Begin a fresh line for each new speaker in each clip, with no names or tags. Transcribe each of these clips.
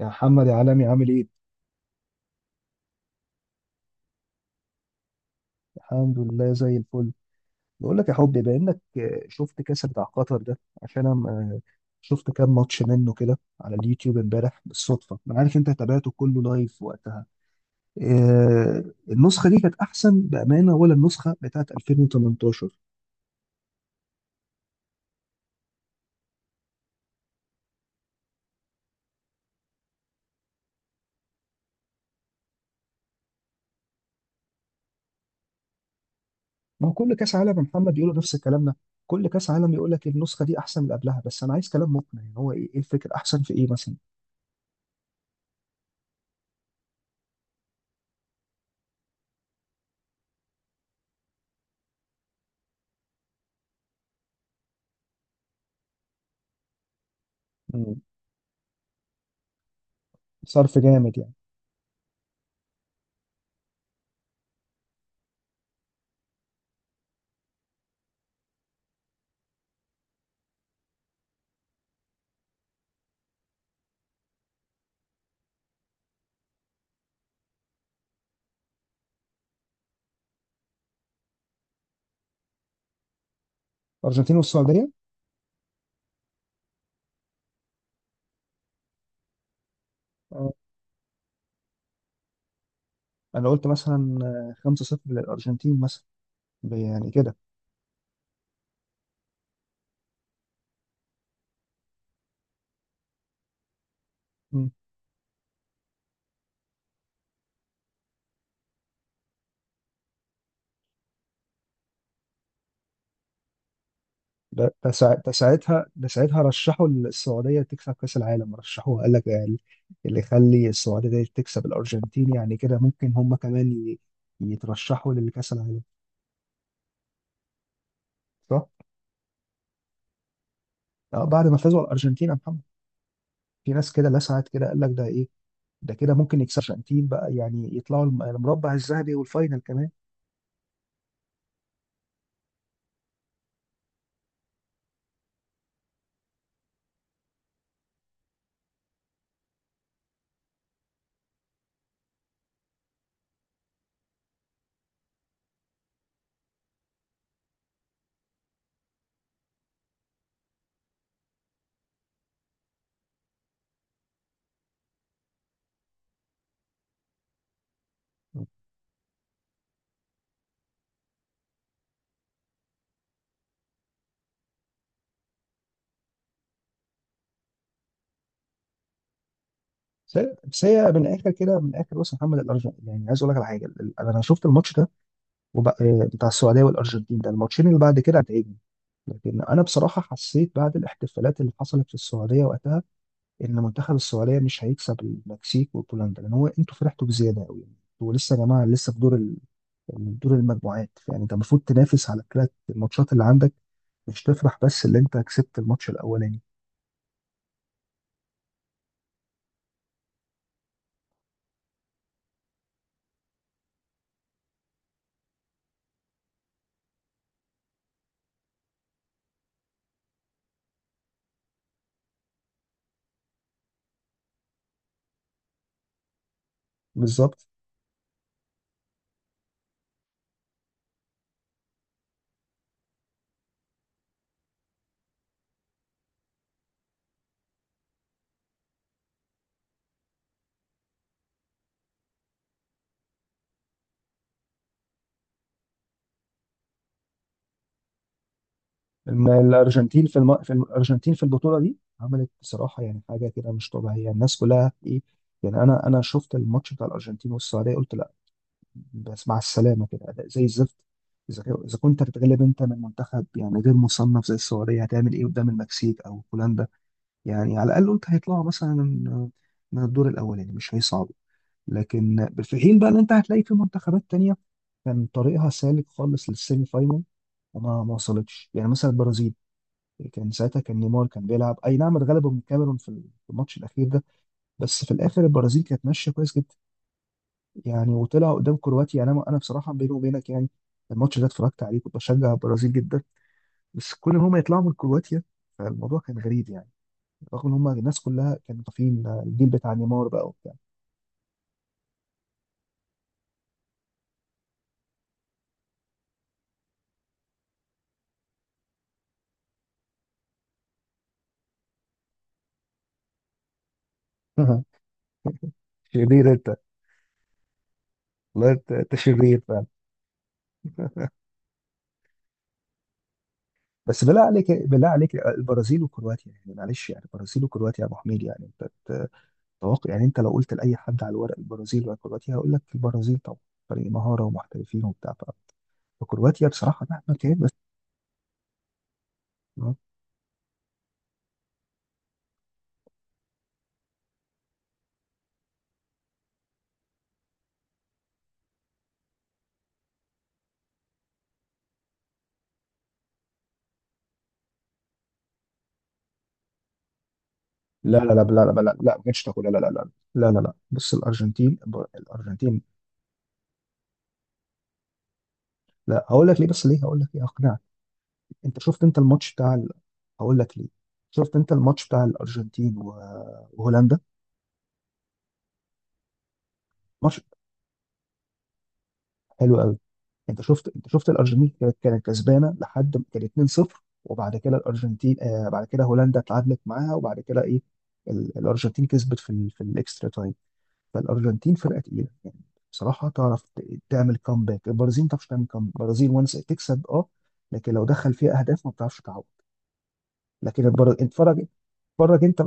يا محمد يا عالمي، عامل ايه؟ الحمد لله زي الفل. بقول لك يا حبي، بما انك شفت كاس بتاع قطر ده عشان انا شفت كام ماتش منه كده على اليوتيوب امبارح بالصدفه. انا عارف انت تابعته كله لايف وقتها. آه، النسخه دي كانت احسن بامانه ولا النسخه بتاعت 2018؟ ما هو كل كاس عالم يا محمد بيقولوا نفس الكلام ده. كل كاس عالم يقول لك النسخه دي احسن من اللي قبلها، بس انا عايز كلام مقنع. يعني هو إيه الفكره؟ احسن في ايه مثلا؟ مم. صرف جامد يعني. ارجنتين والسعوديه، انا قلت مثلا 5-0 للارجنتين مثلا يعني كده. مم. ده ساعتها رشحوا السعوديه تكسب كاس العالم، رشحوها قال لك. يعني اللي يخلي السعوديه دي تكسب الارجنتين يعني كده ممكن هم كمان يترشحوا لكاس العالم، صح؟ بعد ما فازوا على الارجنتين يا محمد في ناس كده لسعت كده قال لك ده ايه؟ ده كده ممكن يكسب الارجنتين بقى، يعني يطلعوا المربع الذهبي والفاينل كمان. بس هي من الاخر، كده من الاخر، بص يا محمد، الارجنتين يعني عايز اقول لك على حاجه. انا شفت الماتش ده وبقى، بتاع السعوديه والارجنتين ده الماتشين اللي بعد كده هتعجبني. لكن انا بصراحه حسيت بعد الاحتفالات اللي حصلت في السعوديه وقتها ان منتخب السعوديه مش هيكسب المكسيك وبولندا، لان هو انتوا فرحتوا بزياده قوي. انتوا لسه يا جماعه لسه في دور دور المجموعات. يعني انت المفروض تنافس على الثلاث الماتشات اللي عندك، مش تفرح بس اللي انت كسبت الماتش الاولاني. بالظبط. الم- الارجنتين في, الم... في الم- الارجنتين في البطوله دي عملت بصراحه يعني حاجه كده مش طبيعيه، الناس كلها ايه. يعني انا شفت الماتش بتاع الارجنتين والسعوديه قلت، بس مع السلامة كده، أداء زي الزفت. إذا كنت هتتغلب أنت من منتخب يعني غير مصنف زي السعودية، هتعمل إيه قدام المكسيك أو هولندا؟ يعني على الأقل قلت هيطلعوا مثلا من الدور الأولاني، يعني مش هيصعبوا. لكن في حين بقى إن أنت هتلاقي في منتخبات تانية كان طريقها سالك خالص للسيمي فاينال، وما ما وصلتش، يعني مثلا البرازيل. كان ساعتها كان نيمار كان بيلعب، أي نعم اتغلبوا من الكاميرون في الماتش الأخير ده، بس في الآخر البرازيل كانت ماشية كويس جدا. يعني وطلع قدام كرواتيا. يعني انا بصراحه بيني وبينك يعني الماتش ده اتفرجت عليه كنت بشجع البرازيل جدا، بس كل ما هم يطلعوا من كرواتيا فالموضوع كان غريب يعني، رغم ان هم الناس كلها كانوا طافين الجيل بتاع نيمار بقى وبتاع شرير انت. والله انت شرير فعلا. بس بالله عليك بالله عليك، البرازيل وكرواتيا يعني، معلش يعني البرازيل وكرواتيا يا ابو حميد يعني انت تتوقع؟ يعني انت لو قلت لاي حد على الورق البرازيل ولا كرواتيا، هيقول لك البرازيل طبعا، فريق مهاره ومحترفين وبتاع. فكرواتيا بصراحه مهما كان، بس لا لا لا لا لا لا لا ما كانتش تاكل، لا لا لا لا لا لا لا. بص الارجنتين، الارجنتين، لا هقول لك ليه، بس ليه هقول لك ليه اقنعك. انت شفت انت الماتش بتاع هقول لك ليه. شفت انت الماتش بتاع الارجنتين وهولندا، ماتش حلو قوي. انت شفت الارجنتين كانت كسبانه لحد ما كان 2-0، وبعد كده الارجنتين بعد كده هولندا اتعادلت معاها، وبعد كده ايه الارجنتين كسبت في في الاكسترا تايم. فالارجنتين فرقه تقيله يعني، بصراحه تعرف تعمل كومباك. البرازيل ما تعرفش تعمل كومباك، البرازيل وانس تكسب اه، لكن لو دخل فيها اهداف ما بتعرفش تعوض. لكن اتفرج، اتفرج انت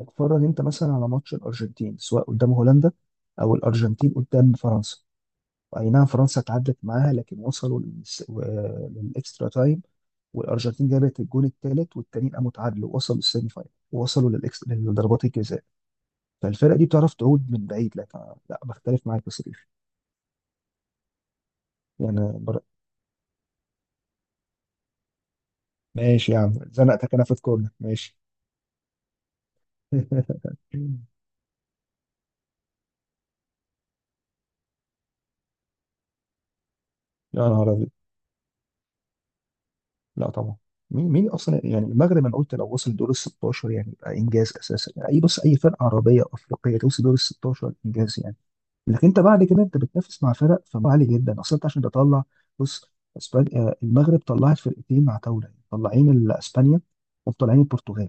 اتفرج انت مثلا على ماتش الارجنتين، سواء قدام هولندا او الارجنتين قدام فرنسا. اي نعم فرنسا اتعادلت معاها، لكن وصلوا للاكسترا تايم، والارجنتين جابت الجون الثالث، والتانيين قاموا اتعادلوا، وصلوا للسيمي فاينل، وصلوا لضربات الجزاء. فالفرقه دي بتعرف تعود من بعيد لك. لا بختلف معاك بس. يعني ماشي يا عم، زنقتك انا في الكورنر، ماشي. يا نهار ابيض، لا طبعا. مين مين اصلا يعني المغرب؟ انا قلت لو وصل دور ال 16 يعني يبقى انجاز اساسا. يعني اي، بص، اي فرقه عربيه أو افريقيه توصل دور ال 16 انجاز يعني. لكن انت بعد كده انت بتنافس مع فرق فما عالي جدا اصلا انت عشان تطلع. بص اسبانيا، المغرب طلعت فرقتين مع طاوله يعني، طلعين اسبانيا ومطلعين البرتغال.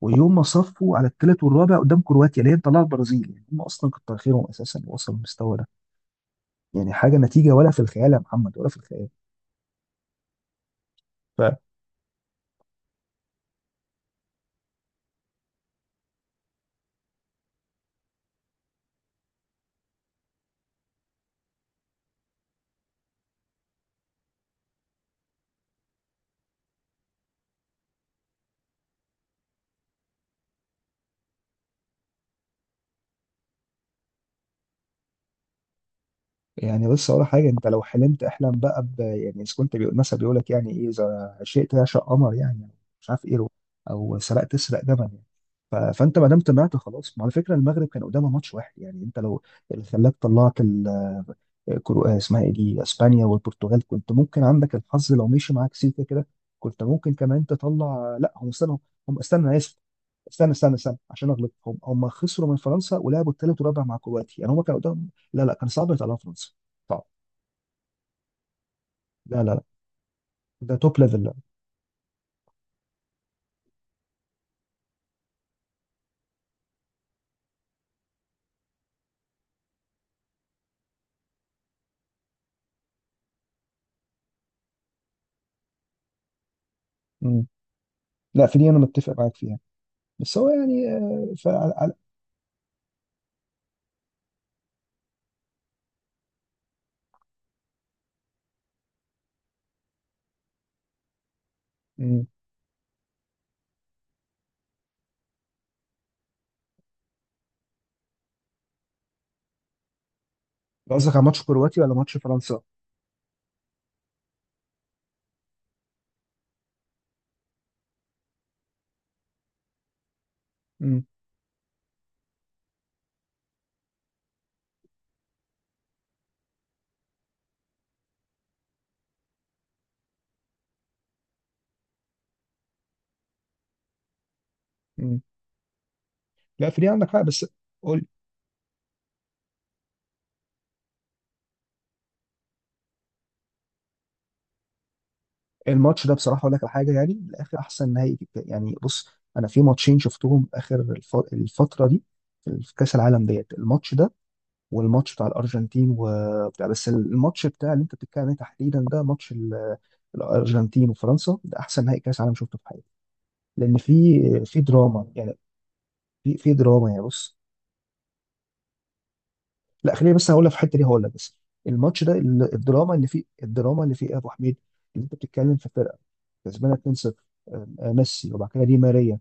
ويوم ما صفوا على الثالث والرابع قدام كرواتيا اللي هي طلعت البرازيل، يعني هم اصلا كتر خيرهم اساسا وصلوا للمستوى ده. يعني حاجه نتيجه، ولا في الخيال يا محمد، ولا في الخيال. ف يعني بص اقول لك حاجه، انت لو حلمت احلم بقى يعني اذا كنت بيقول مثلا بيقول لك يعني ايه، اذا شئت اعشق قمر يعني، مش عارف ايه، او سرقت اسرق جبل يعني. فانت ما دام طمعت خلاص. ما على فكره المغرب كان قدامها ماتش واحد، يعني انت لو اللي خلاك طلعت كرو آه، اسمها ايه دي، اسبانيا والبرتغال، كنت ممكن عندك الحظ لو مشي معاك سيكا كده، كنت ممكن كمان تطلع. لا هم استنوا، هم استنى انا اسف، استنى استنى استنى عشان اغلط، هم خسروا من فرنسا ولعبوا الثالث والرابع مع كرواتيا، يعني هم كانوا قدام. لا لا كان صعب يطلعوا فرنسا، صعب. لا لا لا، ده توب ليفل، لا. مم. لا في دي انا متفق معاك فيها، بس هو يعني فعلى مم. قصدك على ماتش كرواتيا ولا ماتش فرنسا؟ مم. مم. لا في دي عندك حق، بس قول. الماتش ده بصراحه اقول لك على حاجه، يعني من الاخر احسن نهائي. يعني بص، انا في ماتشين شفتهم اخر الفتره دي في كاس العالم ديت، الماتش ده والماتش بتاع الارجنتين وبتاع، بس الماتش بتاع اللي انت بتتكلم عليه تحديدا ده، ماتش الارجنتين وفرنسا، ده احسن نهائي كاس عالم شفته في حياتي، لان في في دراما يعني، في دراما يعني. بص، لا خليني بس هقول لك في الحته دي هقول لك، بس الماتش ده الدراما اللي فيه، الدراما اللي فيه إيه يا ابو حميد، اللي انت بتتكلم في فرقه كسبانه 2-0، آه، ميسي وبعد كده دي ماريا،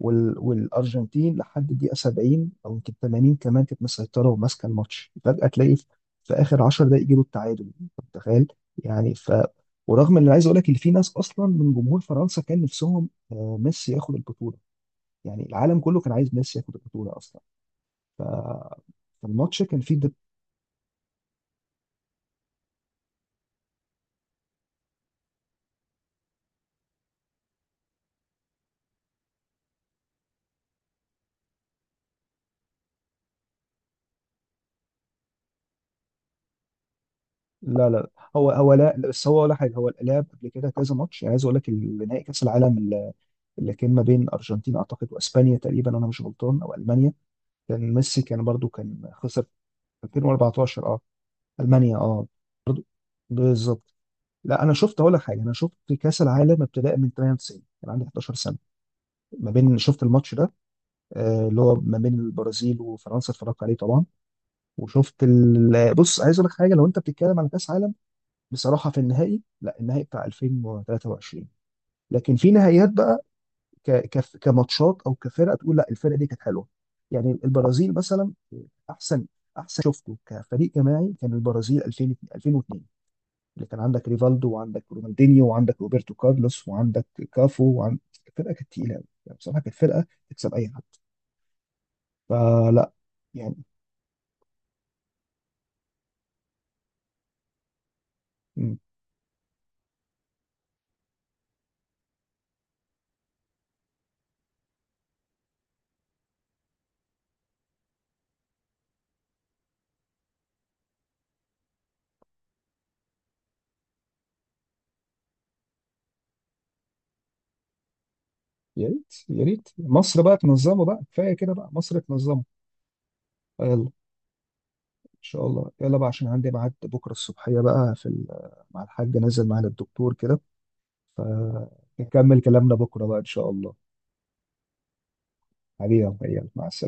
والارجنتين لحد الدقيقه 70 او يمكن 80 كمان كانت مسيطره وماسكه الماتش، فجاه تلاقي في اخر 10 دقائق يجيبوا التعادل، أنت متخيل؟ يعني ورغم ان أنا عايز اقول لك ان في ناس اصلا من جمهور فرنسا كان نفسهم ميسي ياخد البطوله، يعني العالم كله كان عايز ميسي ياخد البطوله اصلا. فالماتش كان فيه لا لا هو هو، لا لا، بس هو ولا حاجه، هو لعب قبل كده كذا ماتش، يعني عايز اقول لك نهائي كاس العالم اللي كان ما بين ارجنتين اعتقد واسبانيا تقريبا، انا مش غلطان، او المانيا. كان ميسي كان برضو كان خسر 2014، اه المانيا، اه برضو، بالظبط. لا انا شفت اقول لك حاجه، انا شفت كاس العالم ابتداء من 98، كان عندي 11 سنه. ما بين شفت الماتش ده اللي هو ما بين البرازيل وفرنسا اتفرجت عليه طبعا. وشفت بص عايز اقول لك حاجه، لو انت بتتكلم على كاس عالم بصراحه في النهائي، لا النهائي بتاع 2023. لكن في نهائيات بقى كماتشات او كفرقه تقول لا الفرقه دي كانت حلوه، يعني البرازيل مثلا. احسن احسن شفته كفريق جماعي كان البرازيل 2000 2002، اللي كان عندك ريفالدو وعندك رونالدينيو وعندك روبرتو كارلوس وعندك كافو وعند. الفرقه كانت تقيله قوي، يعني بصراحه كانت فرقه تكسب اي حد، فلا يعني. مم. يا ريت يا ريت مصر بقى تنظمه بقى، كفايه كده، بقى مصر تنظمه، يلا. ان شاء الله، يلا بقى عشان عندي ميعاد بكره الصبحيه بقى في مع الحاج نازل معانا الدكتور كده، فنكمل كلامنا بكره بقى ان شاء الله. حبيبي يا أبو إياد، مع السلامه.